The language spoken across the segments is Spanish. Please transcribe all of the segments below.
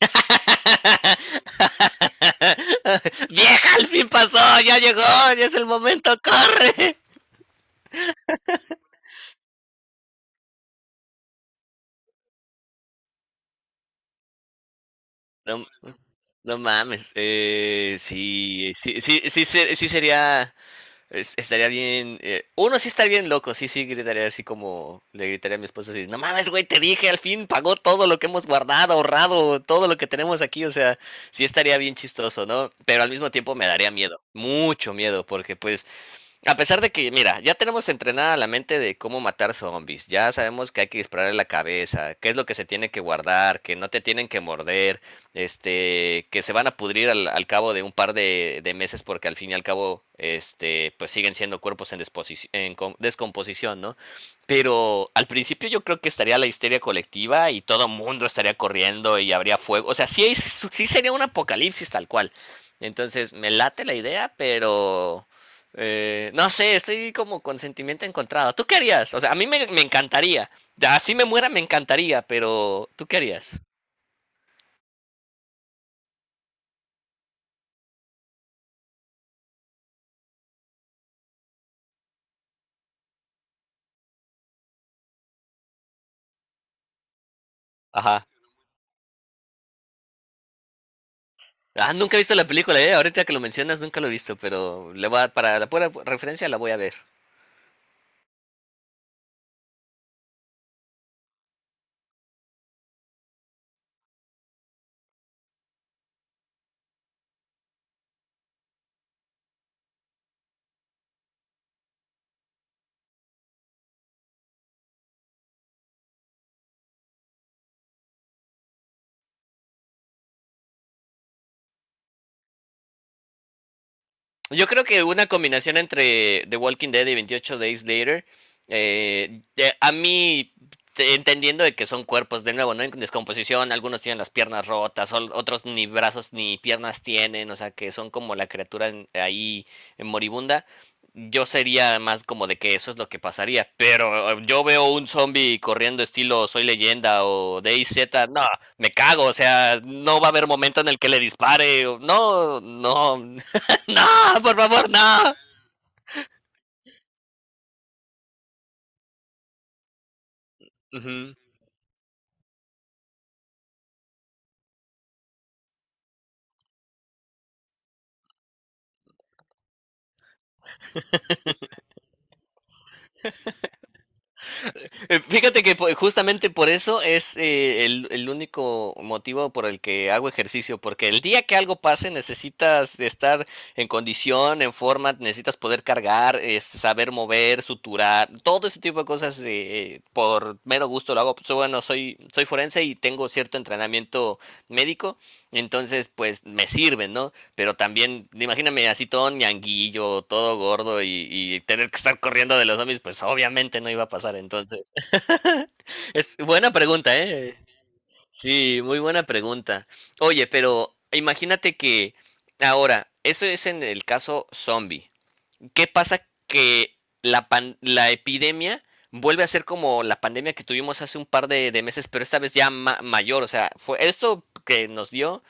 Vieja, al fin pasó, ya llegó, ya es el momento, corre. No, no mames, sí, sí, sí, sí, sí sería, estaría bien, uno sí estaría bien loco, sí, sí, gritaría así como, le gritaría a mi esposa así, no mames, güey, te dije, al fin pagó todo lo que hemos guardado, ahorrado, todo lo que tenemos aquí, o sea, sí estaría bien chistoso, ¿no? Pero al mismo tiempo me daría miedo, mucho miedo, porque pues a pesar de que, mira, ya tenemos entrenada la mente de cómo matar zombies, ya sabemos que hay que dispararle la cabeza, qué es lo que se tiene que guardar, que no te tienen que morder, este, que se van a pudrir al cabo de un par de meses porque al fin y al cabo, este, pues siguen siendo cuerpos en, en descomposición, ¿no? Pero al principio yo creo que estaría la histeria colectiva y todo mundo estaría corriendo y habría fuego, o sea, sí, sí sería un apocalipsis tal cual. Entonces, me late la idea, pero no sé, estoy como con sentimiento encontrado. ¿Tú qué harías? O sea, a mí me, me encantaría. Así me muera, me encantaría, pero ¿tú qué harías? Ajá. Ah, nunca he visto la película, eh. Ahorita que lo mencionas, nunca lo he visto, pero para la pura referencia la voy a ver. Yo creo que una combinación entre The Walking Dead y 28 Days Later, a mí entendiendo de que son cuerpos de nuevo, ¿no? En descomposición, algunos tienen las piernas rotas, otros ni brazos ni piernas tienen, o sea, que son como la criatura ahí en moribunda. Yo sería más como de que eso es lo que pasaría, pero yo veo un zombie corriendo estilo Soy Leyenda o DayZ, no, me cago, o sea, no va a haber momento en el que le dispare, no, no, no, por favor, no. Ujú. Fíjate que justamente por eso es el único motivo por el que hago ejercicio, porque el día que algo pase necesitas estar en condición, en forma, necesitas poder cargar, es, saber mover, suturar, todo ese tipo de cosas por mero gusto lo hago. Pues bueno, soy forense y tengo cierto entrenamiento médico, entonces pues me sirven, ¿no? Pero también, imagíname así todo ñanguillo, todo gordo y tener que estar corriendo de los zombies, pues obviamente no iba a pasar entonces. Es buena pregunta, ¿eh? Sí, muy buena pregunta. Oye, pero imagínate que ahora, eso es en el caso zombie. ¿Qué pasa que la, la epidemia vuelve a ser como la pandemia que tuvimos hace un par de meses, pero esta vez ya mayor? O sea, fue esto que nos dio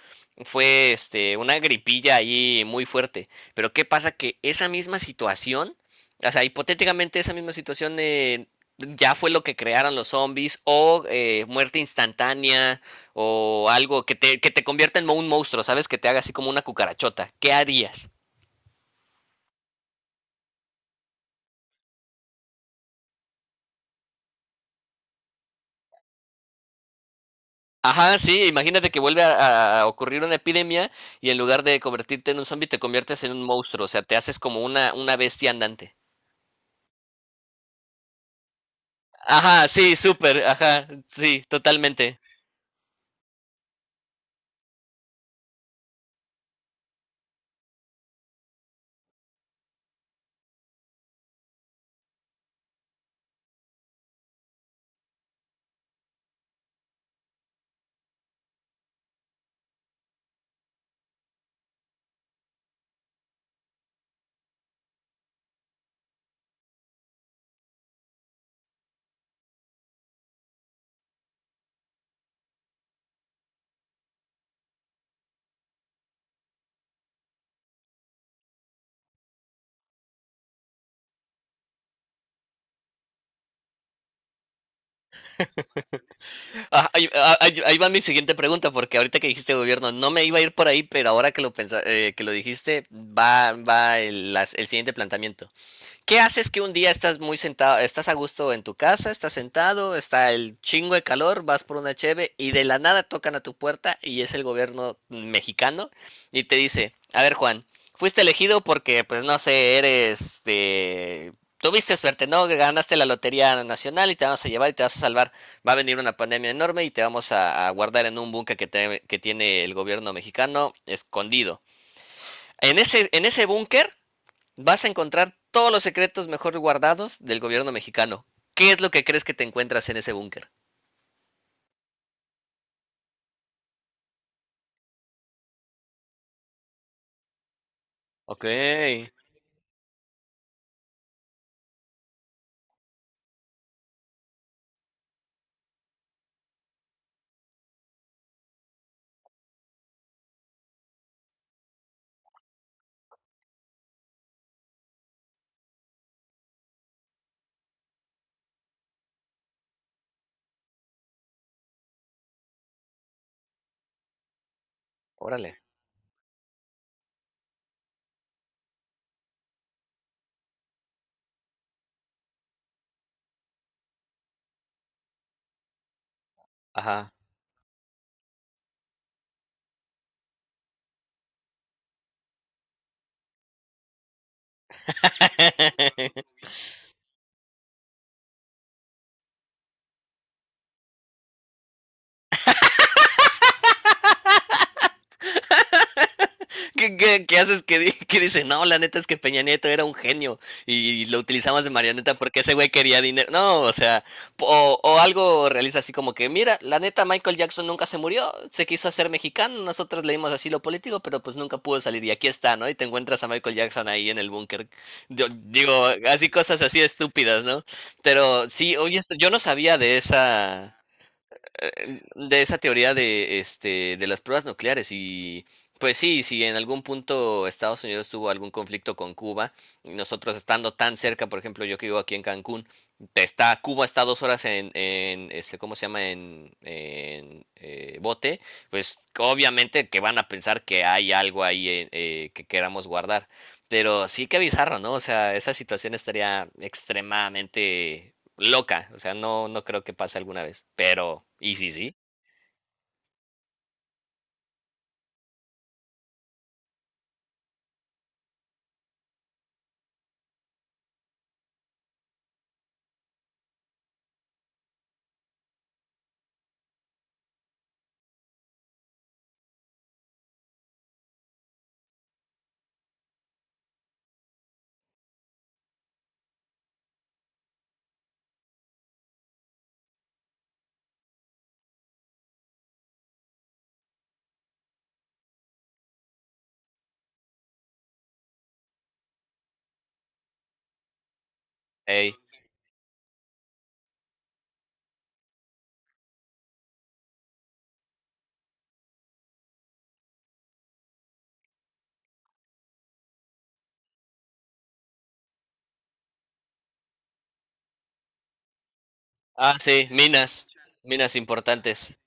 fue este una gripilla ahí muy fuerte. Pero ¿qué pasa que esa misma situación, o sea, hipotéticamente esa misma situación ya fue lo que crearon los zombies o muerte instantánea o algo que te convierta en un monstruo, ¿sabes? Que te haga así como una cucarachota. ¿Qué harías? Ajá, sí, imagínate que vuelve a ocurrir una epidemia y en lugar de convertirte en un zombie te conviertes en un monstruo, o sea, te haces como una bestia andante. Ajá, sí, súper, ajá, sí, totalmente. Ah, ahí va mi siguiente pregunta, porque ahorita que dijiste gobierno, no me iba a ir por ahí, pero ahora que lo que lo dijiste, va, va el siguiente planteamiento. ¿Qué haces que un día estás muy sentado, estás a gusto en tu casa, estás sentado, está el chingo de calor, vas por una cheve y de la nada tocan a tu puerta y es el gobierno mexicano y te dice, a ver Juan, fuiste elegido porque pues no sé, eres de... Tuviste suerte, ¿no? Ganaste la Lotería Nacional y te vamos a llevar y te vas a salvar. Va a venir una pandemia enorme y te vamos a guardar en un búnker que tiene el gobierno mexicano escondido. En ese búnker vas a encontrar todos los secretos mejor guardados del gobierno mexicano. ¿Qué es lo que crees que te encuentras en ese búnker? Ok. Órale. Ajá. ¿Qué, qué, qué haces que, que dice, no, la neta es que Peña Nieto era un genio y lo utilizamos de marioneta porque ese güey quería dinero? No, o sea, o algo realiza así como que, mira, la neta Michael Jackson nunca se murió, se quiso hacer mexicano, nosotros leímos así lo político, pero pues nunca pudo salir y aquí está, ¿no? Y te encuentras a Michael Jackson ahí en el búnker. Yo digo, así cosas así estúpidas, ¿no? Pero sí, oye, yo no sabía de esa teoría de, este, de las pruebas nucleares y pues sí, si en algún punto Estados Unidos tuvo algún conflicto con Cuba, y nosotros estando tan cerca, por ejemplo, yo que vivo aquí en Cancún, te está, Cuba está dos horas en este, ¿cómo se llama? En, bote, pues obviamente que van a pensar que hay algo ahí que queramos guardar. Pero sí que bizarro, ¿no? O sea, esa situación estaría extremadamente loca, o sea, no, no creo que pase alguna vez, pero, ¿y sí, sí? Ey. Ah, sí, minas, minas importantes.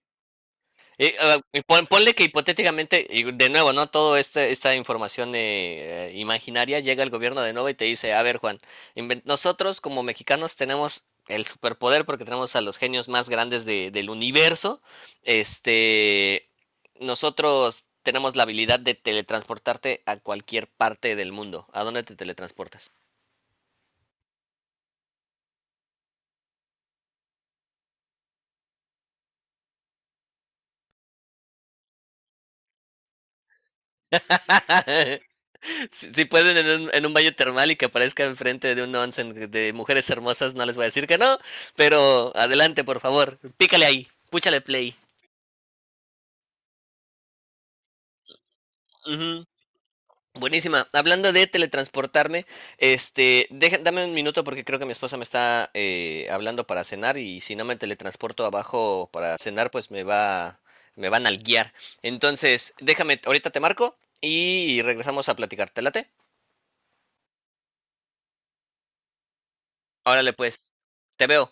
Y, ah, y ponle que hipotéticamente, y de nuevo, ¿no? Todo este, esta información imaginaria llega al gobierno de nuevo y te dice, a ver, Juan, nosotros como mexicanos tenemos el superpoder porque tenemos a los genios más grandes del universo. Este, nosotros tenemos la habilidad de teletransportarte a cualquier parte del mundo. ¿A dónde te teletransportas? Si, si pueden en un baño termal y que aparezca enfrente de un onsen de mujeres hermosas, no les voy a decir que no, pero adelante, por favor, pícale ahí, púchale play. Ujú, buenísima. Hablando de teletransportarme, este, dame un minuto porque creo que mi esposa me está hablando para cenar y si no me teletransporto abajo para cenar, pues me va, me van a guiar. Entonces, déjame, ahorita te marco y regresamos a platicar. ¿Te late? Órale, pues, te veo.